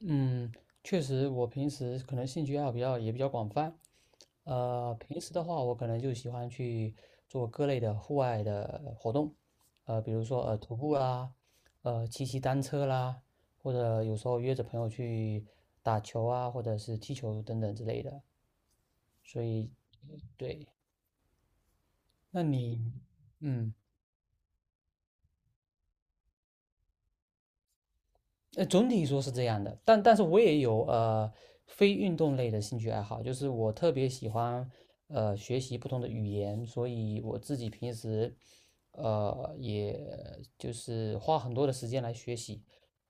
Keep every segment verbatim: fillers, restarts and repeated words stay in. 嗯，确实，我平时可能兴趣爱好比较也比较广泛。呃，平时的话，我可能就喜欢去做各类的户外的活动，呃，比如说呃徒步啦，呃骑骑单车啦，或者有时候约着朋友去打球啊，或者是踢球等等之类的。所以，对。那你，嗯。呃，总体说是这样的，但但是我也有呃非运动类的兴趣爱好，就是我特别喜欢呃学习不同的语言，所以我自己平时呃也就是花很多的时间来学习。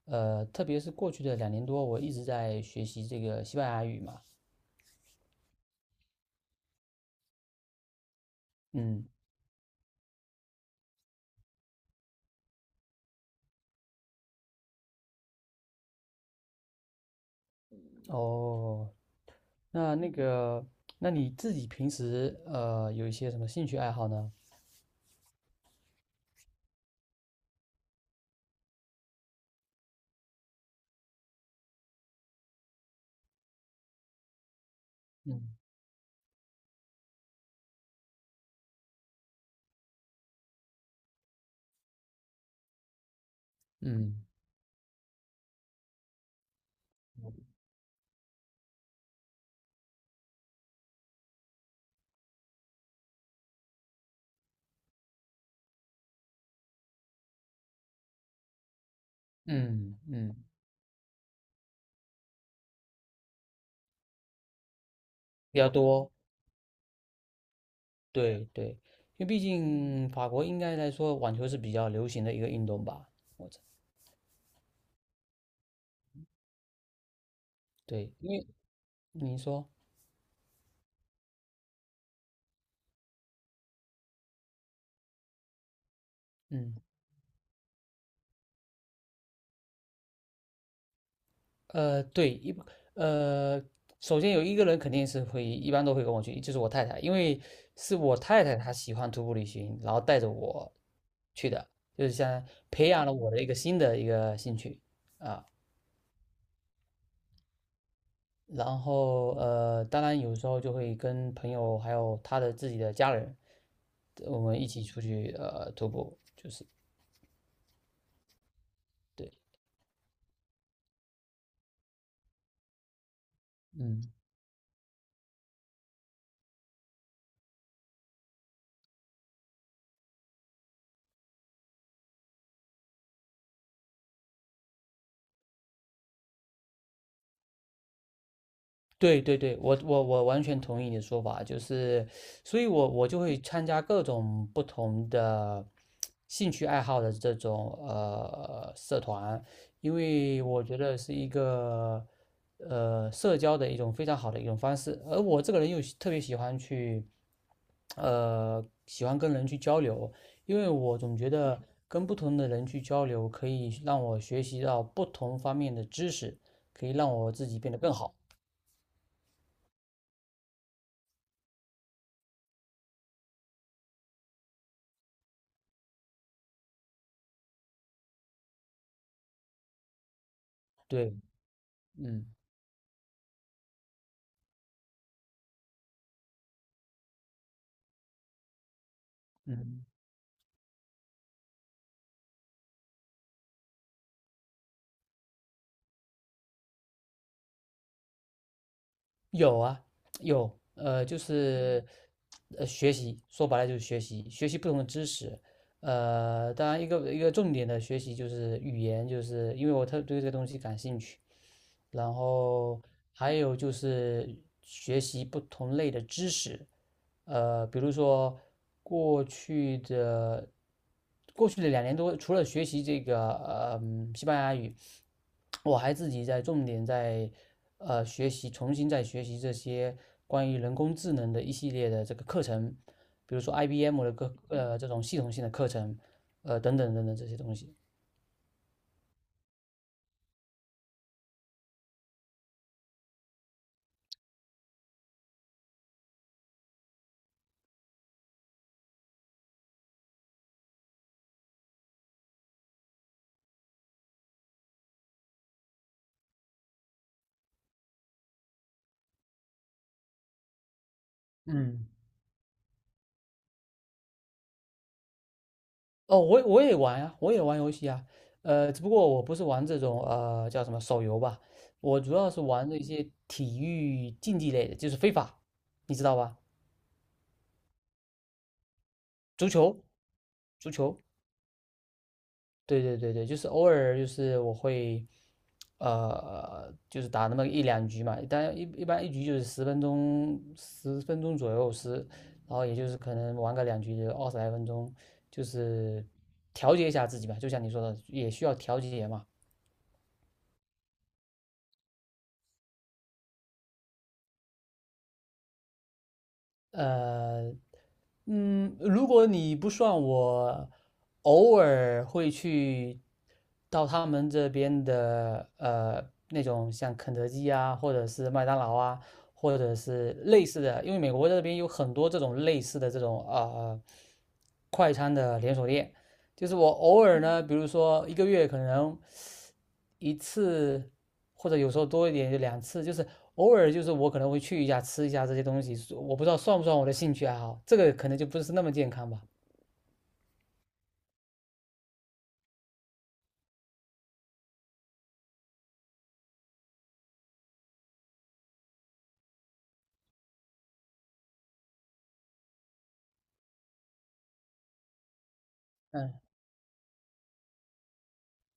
呃，特别是过去的两年多，我一直在学习这个西班牙语嘛。嗯。哦，那那个，那你自己平时呃有一些什么兴趣爱好呢？嗯嗯嗯嗯，比较多。对对，因为毕竟法国应该来说网球是比较流行的一个运动吧。我这对，因为你说，嗯。呃，对，一呃，首先有一个人肯定是会，一般都会跟我去，就是我太太，因为是我太太她喜欢徒步旅行，然后带着我去的，就是像培养了我的一个新的一个兴趣。然后呃，当然有时候就会跟朋友还有他的自己的家人，我们一起出去呃徒步，就是对。嗯，对对对，我我我完全同意你的说法，就是，所以我我就会参加各种不同的兴趣爱好的这种呃社团，因为我觉得是一个呃社交的一种非常好的一种方式，而我这个人又喜特别喜欢去呃喜欢跟人去交流，因为我总觉得跟不同的人去交流可以让我学习到不同方面的知识，可以让我自己变得更好。对，嗯。嗯，有啊，有，呃，就是呃，学习，说白了就是学习，学习不同的知识。呃，当然一个一个重点的学习就是语言，就是因为我特对这个东西感兴趣。然后还有就是学习不同类的知识，呃，比如说过去的过去的两年多，除了学习这个呃嗯西班牙语，我还自己在重点在呃学习，重新在学习这些关于人工智能的一系列的这个课程，比如说 I B M 的各呃这种系统性的课程，呃等等等等这些东西。嗯。哦，我我也玩呀，我也玩游戏啊。呃，只不过我不是玩这种呃叫什么手游吧，我主要是玩的一些体育竞技类的，就是非法，你知道吧？足球，足球。对对对对，就是偶尔就是我会，呃，就是打那么一两局嘛。但一一般一局就是十分钟，十分钟左右十，然后也就是可能玩个两局就二十来分钟，就是调节一下自己吧，就像你说的，也需要调节嘛。呃，嗯，如果你不算我，偶尔会去到他们这边的呃那种像肯德基啊，或者是麦当劳啊，或者是类似的，因为美国这边有很多这种类似的这种啊呃快餐的连锁店。就是我偶尔呢，比如说一个月可能一次，或者有时候多一点就两次，就是偶尔就是我可能会去一下吃一下这些东西，我不知道算不算我的兴趣爱好，这个可能就不是那么健康吧。嗯，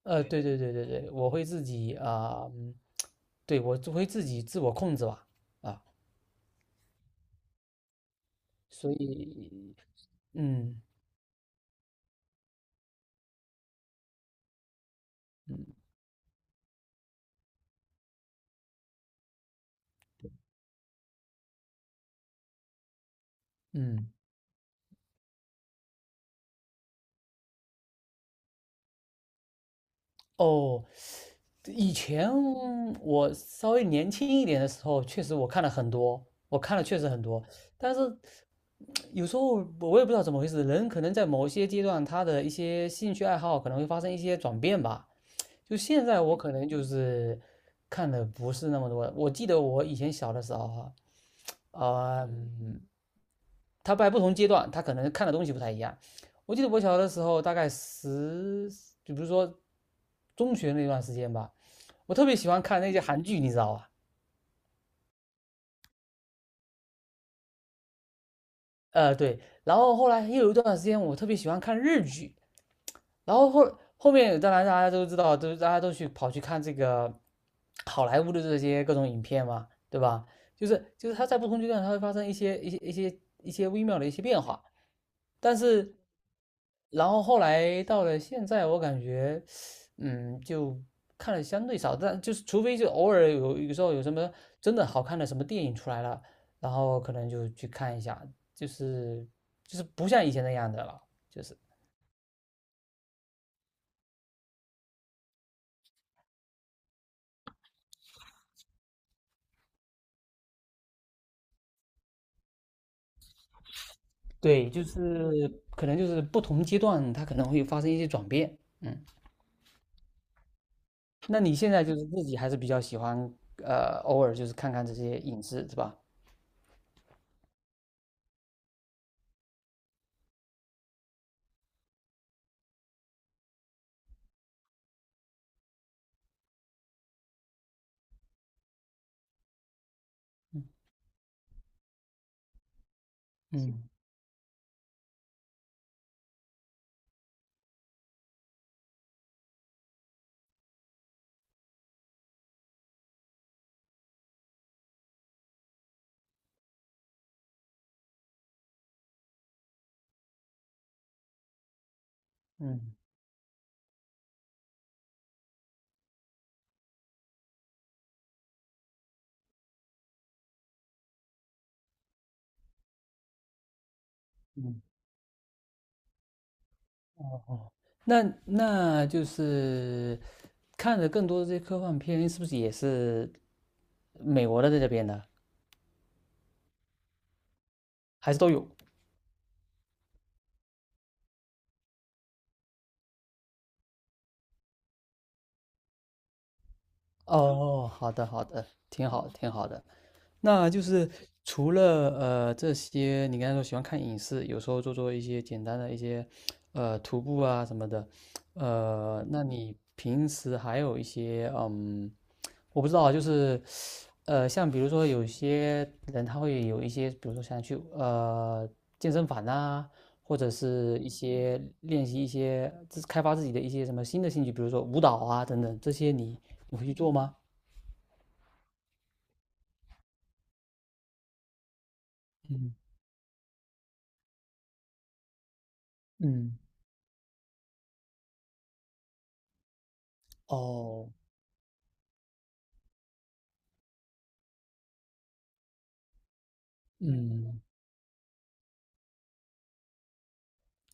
呃，对对对对对，我会自己啊，嗯对，我就会自己自我控制吧。啊，所以，嗯嗯嗯。哦，以前我稍微年轻一点的时候，确实我看了很多，我看了确实很多，但是有时候我也不知道怎么回事，人可能在某些阶段，他的一些兴趣爱好可能会发生一些转变吧。就现在我可能就是看的不是那么多了。我记得我以前小的时候哈，呃嗯，他在不同阶段，他可能看的东西不太一样。我记得我小的时候，大概十，就比如说中学那段时间吧。我特别喜欢看那些韩剧，你知道吧？呃，对，然后后来又有一段时间，我特别喜欢看日剧，然后后后面当然大家都知道，都大家都去跑去看这个好莱坞的这些各种影片嘛，对吧？就是就是它在不同阶段它会发生一些一些一些一些微妙的一些变化。但是然后后来到了现在，我感觉嗯就看的相对少，但就是除非就偶尔有有时候有什么真的好看的什么电影出来了，然后可能就去看一下，就是就是不像以前那样的了，就是。对，就是可能就是不同阶段，它可能会发生一些转变。嗯，那你现在就是自己还是比较喜欢，呃，偶尔就是看看这些影视，是吧？嗯嗯嗯。哦哦，那那就是看的更多的这些科幻片，是不是也是美国的在这边的，还是都有？哦，好的好的，挺好挺好的。那就是除了呃这些，你刚才说喜欢看影视，有时候做做一些简单的一些呃徒步啊什么的。呃，那你平时还有一些嗯，我不知道啊就是呃像比如说有些人他会有一些，比如说想去呃健身房啊，或者是一些练习一些自开发自己的一些什么新的兴趣，比如说舞蹈啊等等，这些你你会去做吗？嗯哦，嗯。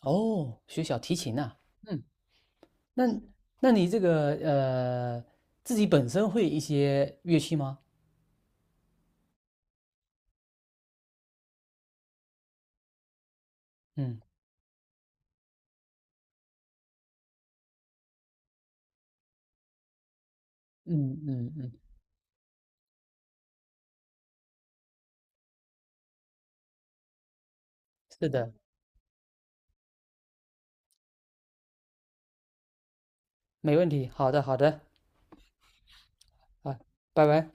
哦，学小提琴呐、嗯，那那你这个呃，自己本身会一些乐器吗？嗯嗯嗯嗯，是的，没问题。好的好的，啊，拜拜。